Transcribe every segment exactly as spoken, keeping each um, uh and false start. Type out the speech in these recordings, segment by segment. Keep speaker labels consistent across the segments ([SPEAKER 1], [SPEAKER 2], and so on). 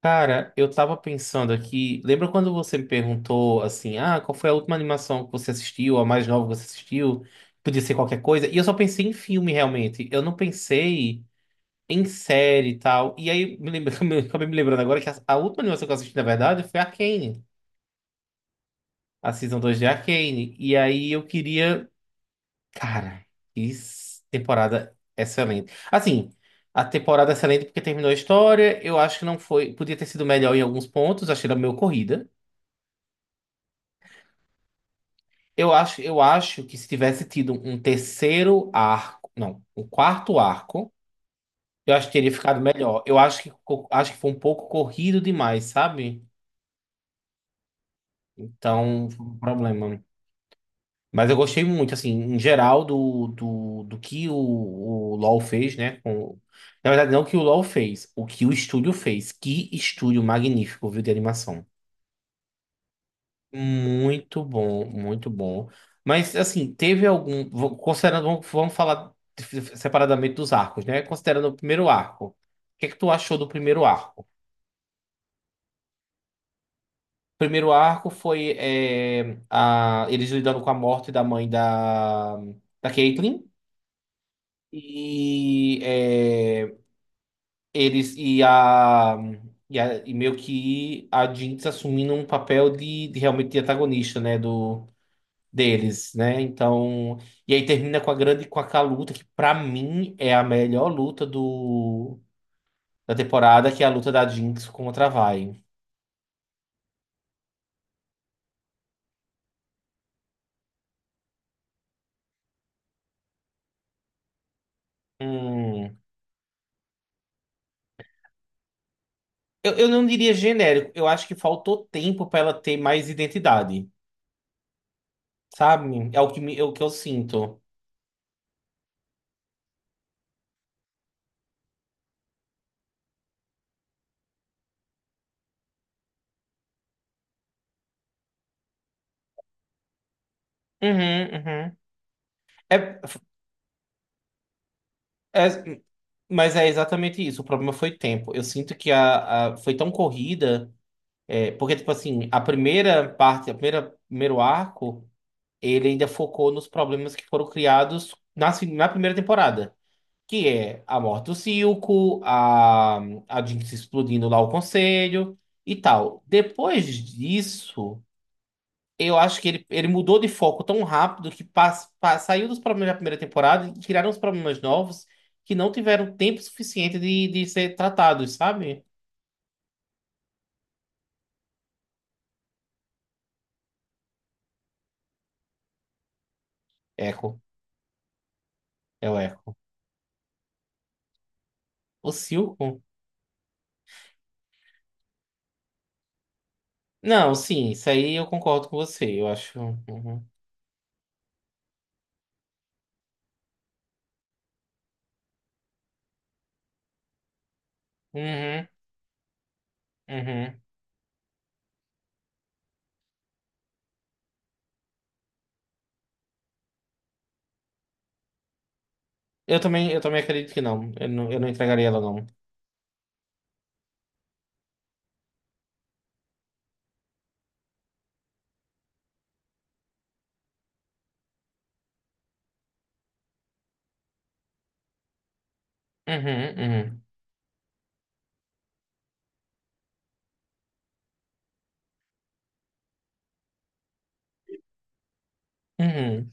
[SPEAKER 1] Cara, eu tava pensando aqui. Lembra quando você me perguntou assim: ah, qual foi a última animação que você assistiu, a mais nova que você assistiu? Podia ser qualquer coisa. E eu só pensei em filme, realmente. Eu não pensei em série e tal. E aí, me lembra, me- acabei me lembrando agora que a, a última animação que eu assisti, na verdade, foi Arcane, a Season dois de Arcane. E aí eu queria. Cara, que s- temporada excelente. Assim. A temporada é excelente porque terminou a história. Eu acho que não foi. Podia ter sido melhor em alguns pontos. Achei ela meio corrida. Eu acho, eu acho que se tivesse tido um terceiro arco, não, um quarto arco, eu acho que teria ficado melhor. Eu acho que, co- acho que foi um pouco corrido demais, sabe? Então, foi um problema. Mas eu gostei muito, assim, em geral, do, do, do que o, o LoL fez, né? Com- na verdade, não que o LoL fez, o que o estúdio fez. Que estúdio magnífico, viu, de animação. Muito bom, muito bom. Mas assim, teve algum. vo- Considerando, vamos vamos falar dif- separadamente dos arcos, né? Considerando o primeiro arco. O que é que tu achou do primeiro arco? O primeiro arco foi é, a, eles lidando com a morte da mãe da, da Caitlyn. E é, eles e a, e a- e meio que a Jinx assumindo um papel de, de realmente de antagonista, né? Deles, né? Então, e aí termina com a grande com aquela luta que pra mim é a melhor luta do da temporada, que é a luta da Jinx contra a Vi. Hum, eu, eu não diria genérico, eu acho que faltou tempo pra ela ter mais identidade, sabe? É o que me, é o que eu sinto. Uhum, uhum. É, é- mas é exatamente isso. O problema foi tempo. Eu sinto que a, a- foi tão corrida, é, porque tipo assim, a primeira parte, a primeira primeiro arco ele ainda focou nos problemas que foram criados na, se- na primeira temporada, que é a morte do Silco, a, a Jinx explodindo lá o conselho e tal. Depois disso, eu acho que ele, ele mudou de foco tão rápido que pas- pa- saiu dos problemas da primeira temporada e criaram os problemas novos que não tiveram tempo suficiente de, de ser tratados, sabe? Eco, é o Eco. O Silco? Não, sim, isso aí eu concordo com você, eu acho. Uhum, uhum, uhum. Eu também, eu também acredito que não. Eu não, eu não entregaria ela, não. Uhum, uhum, uhum.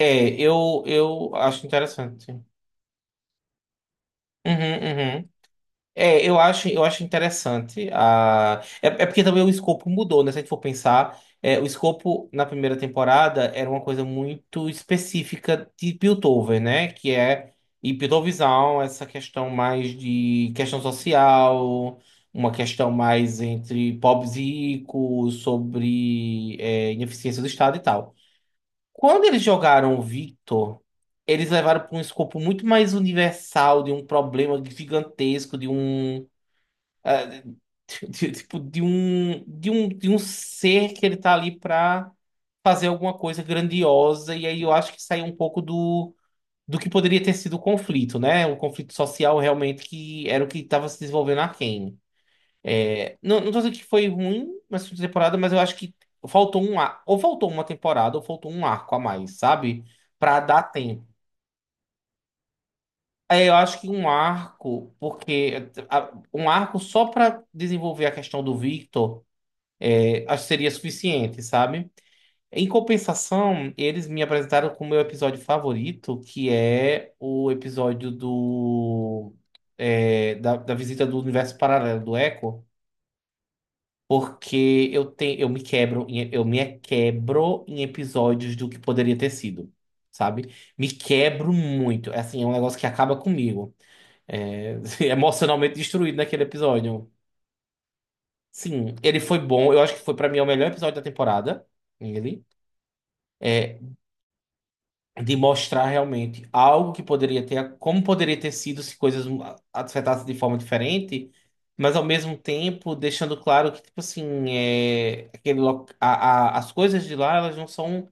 [SPEAKER 1] É, eu, eu acho interessante. Uhum, uhum. É, eu acho, eu acho interessante. A... É, é porque também o escopo mudou, né? Se a gente for pensar, é, o escopo na primeira temporada era uma coisa muito específica de Piltover, né? Que é, e Piltoverzão, essa questão mais de questão social, uma questão mais entre pobres e ricos, sobre é, ineficiência do Estado e tal. Quando eles jogaram o Victor, eles levaram para um escopo muito mais universal, de um problema gigantesco, de um ah, de- de- tipo, de um, de um, de um ser que ele tá ali pra fazer alguma coisa grandiosa, e aí eu acho que sai um pouco do, do que poderia ter sido o conflito, né? Um conflito social realmente que era o que estava se desenvolvendo na Arcane. É, não, não tô dizendo que foi ruim nessa última temporada, mas eu acho que faltou um ar, ou faltou uma temporada, ou faltou um arco a mais, sabe? Pra dar tempo. É, eu acho que um arco, porque a- um arco só pra desenvolver a questão do Victor. É, acho que seria suficiente, sabe? Em compensação, eles me apresentaram com o meu episódio favorito, que é o episódio do é, da, da visita do universo paralelo do Echo, porque eu tenho eu me quebro em- eu me quebro em episódios do que poderia ter sido, sabe? Me quebro muito, é assim, é um negócio que acaba comigo, é, emocionalmente destruído naquele episódio. Sim, ele foi bom, eu acho que foi pra mim é o melhor episódio da temporada. Ele. É de mostrar realmente algo que poderia ter, como poderia ter sido se coisas afetassem de forma diferente, mas ao mesmo tempo deixando claro que, tipo assim, é, aquele, lo- a, a- as coisas de lá, elas não são,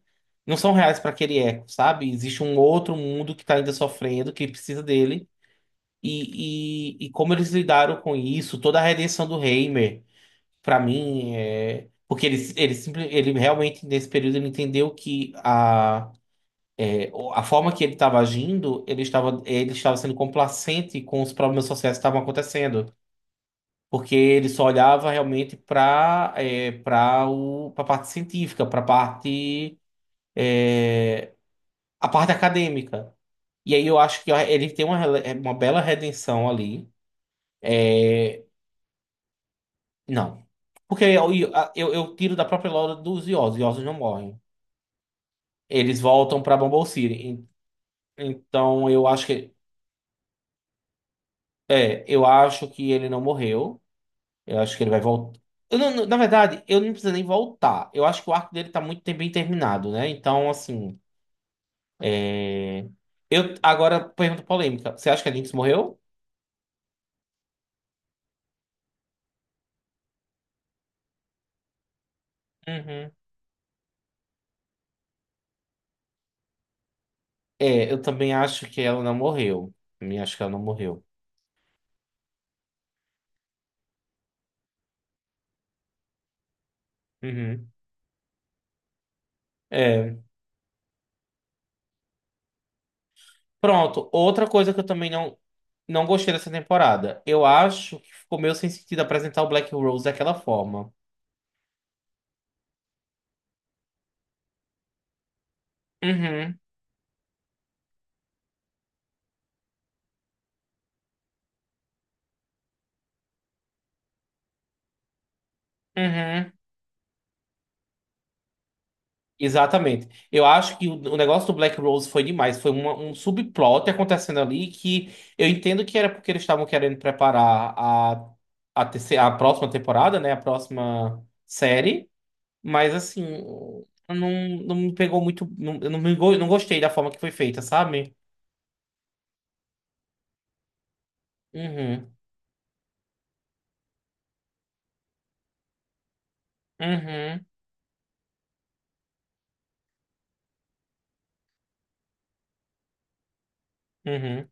[SPEAKER 1] não são reais para aquele eco, sabe? Existe um outro mundo que tá ainda sofrendo, que precisa dele, e, e, e como eles lidaram com isso, toda a redenção do Heimer, para mim, é... Porque ele, ele, simple- ele realmente, nesse período, ele entendeu que o- a forma que ele estava agindo, ele estava, ele estava sendo complacente com os problemas sociais que estavam acontecendo, porque ele só olhava realmente para para o para a parte científica, para a parte a parte acadêmica. E aí eu acho que ele tem uma, rele- uma bela redenção ali. É, não, porque eu, eu, eu tiro da própria lore dos Ioses, os Ioses não morrem. Eles voltam para Bumble City. En- Então eu acho que é, eu acho que ele não morreu. Eu acho que ele vai voltar. Eu não- não- Na verdade, eu não preciso nem voltar. Eu acho que o arco dele tá muito bem terminado, né? Então, assim. É, eu agora pergunta polêmica. Você acha que a Lynx morreu? Uhum. É, eu também acho que ela não morreu. Também acho que ela não morreu. Uhum. É. Pronto. Outra coisa que eu também não, não gostei dessa temporada. Eu acho que ficou meio sem sentido apresentar o Black Rose daquela forma. Uhum. Uhum. Exatamente. Eu acho que o o negócio do Black Rose foi demais. Foi uma- um subplot acontecendo ali que eu entendo que era porque eles estavam querendo preparar a, a, terceira, a próxima temporada, né? A próxima série. Mas, assim, não, não me pegou muito. Não, eu não, me, go- não gostei da forma que foi feita, sabe? Uhum, uhum, uhum.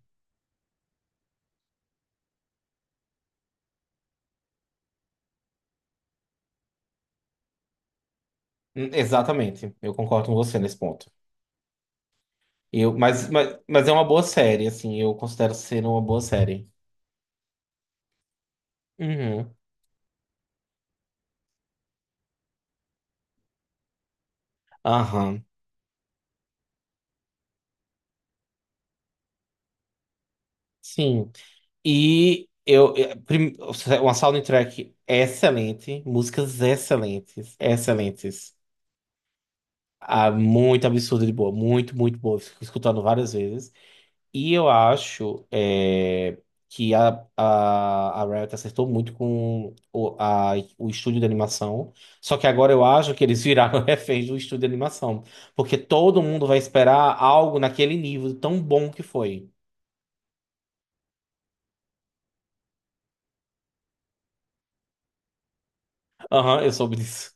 [SPEAKER 1] Hum, exatamente. Eu concordo com você nesse ponto. Eu, mas, mas, mas é uma boa série, assim. Eu considero ser uma boa série. Uhum. Aham. Sim. E eu, eh, prim- uma soundtrack excelente, músicas excelentes, excelentes. Ah, muito absurdo de boa, muito, muito boa. Fico escutando várias vezes. E eu acho eh, que a, a, a Riot acertou muito com o, a, o estúdio de animação. Só que agora eu acho que eles viraram reféns do estúdio de animação. Porque todo mundo vai esperar algo naquele nível tão bom que foi. Aham, eu soube disso.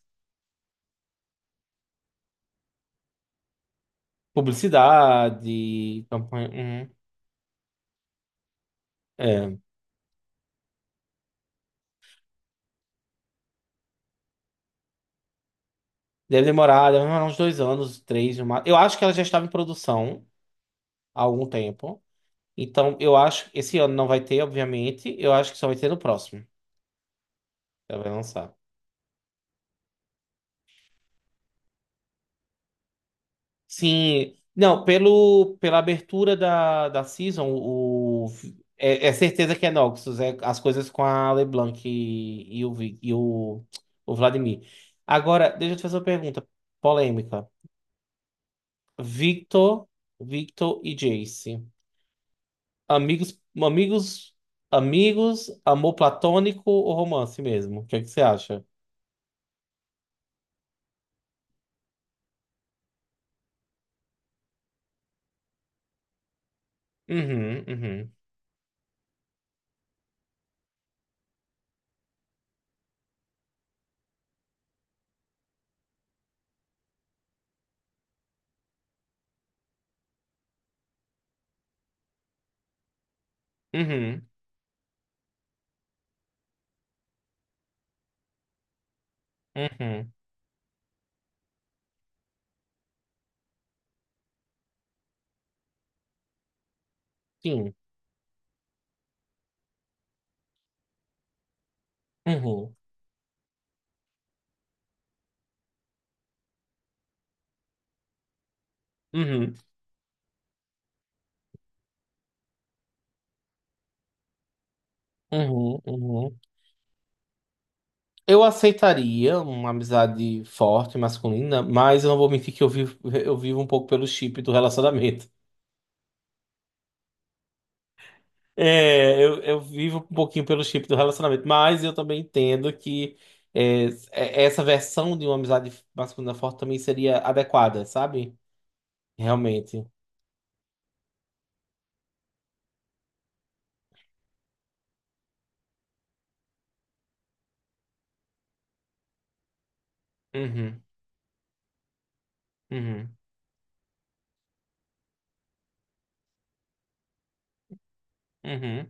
[SPEAKER 1] Publicidade, campanha. Uhum. É. Deve demorar, deve demorar uns dois anos, três, no ma- eu acho que ela já estava em produção há algum tempo. Então, eu acho que esse ano não vai ter, obviamente. Eu acho que só vai ter no próximo. Ela vai lançar. Sim. Não, pelo, pela abertura da, da season, o, é, é certeza que é Noxus. É as coisas com a LeBlanc e, e, o, Vi- e o, o Vladimir. Agora, deixa eu te fazer uma pergunta polêmica. Victor, Victor e Jace. Amigos, amigos, amigos, amor platônico ou romance mesmo? O que é que você acha? Uhum, uhum, uhum, uhum, sim, uhum, uhum, uhum, uhum. Eu aceitaria uma amizade forte, masculina, mas eu não vou mentir que eu vivo, eu vivo um pouco pelo chip do relacionamento. É, eu, eu vivo um pouquinho pelo chip do relacionamento, mas eu também entendo que é, é- essa versão de uma amizade masculina forte também seria adequada, sabe? Realmente. Uhum, uhum, uhum,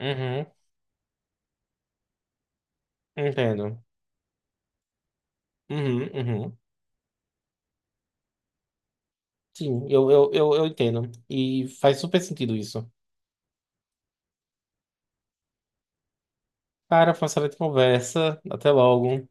[SPEAKER 1] uhum, entendo. Uhum, uhum. Sim, eu, eu, eu, eu entendo. E faz super sentido isso. Cara, foi uma excelente conversa. Até logo.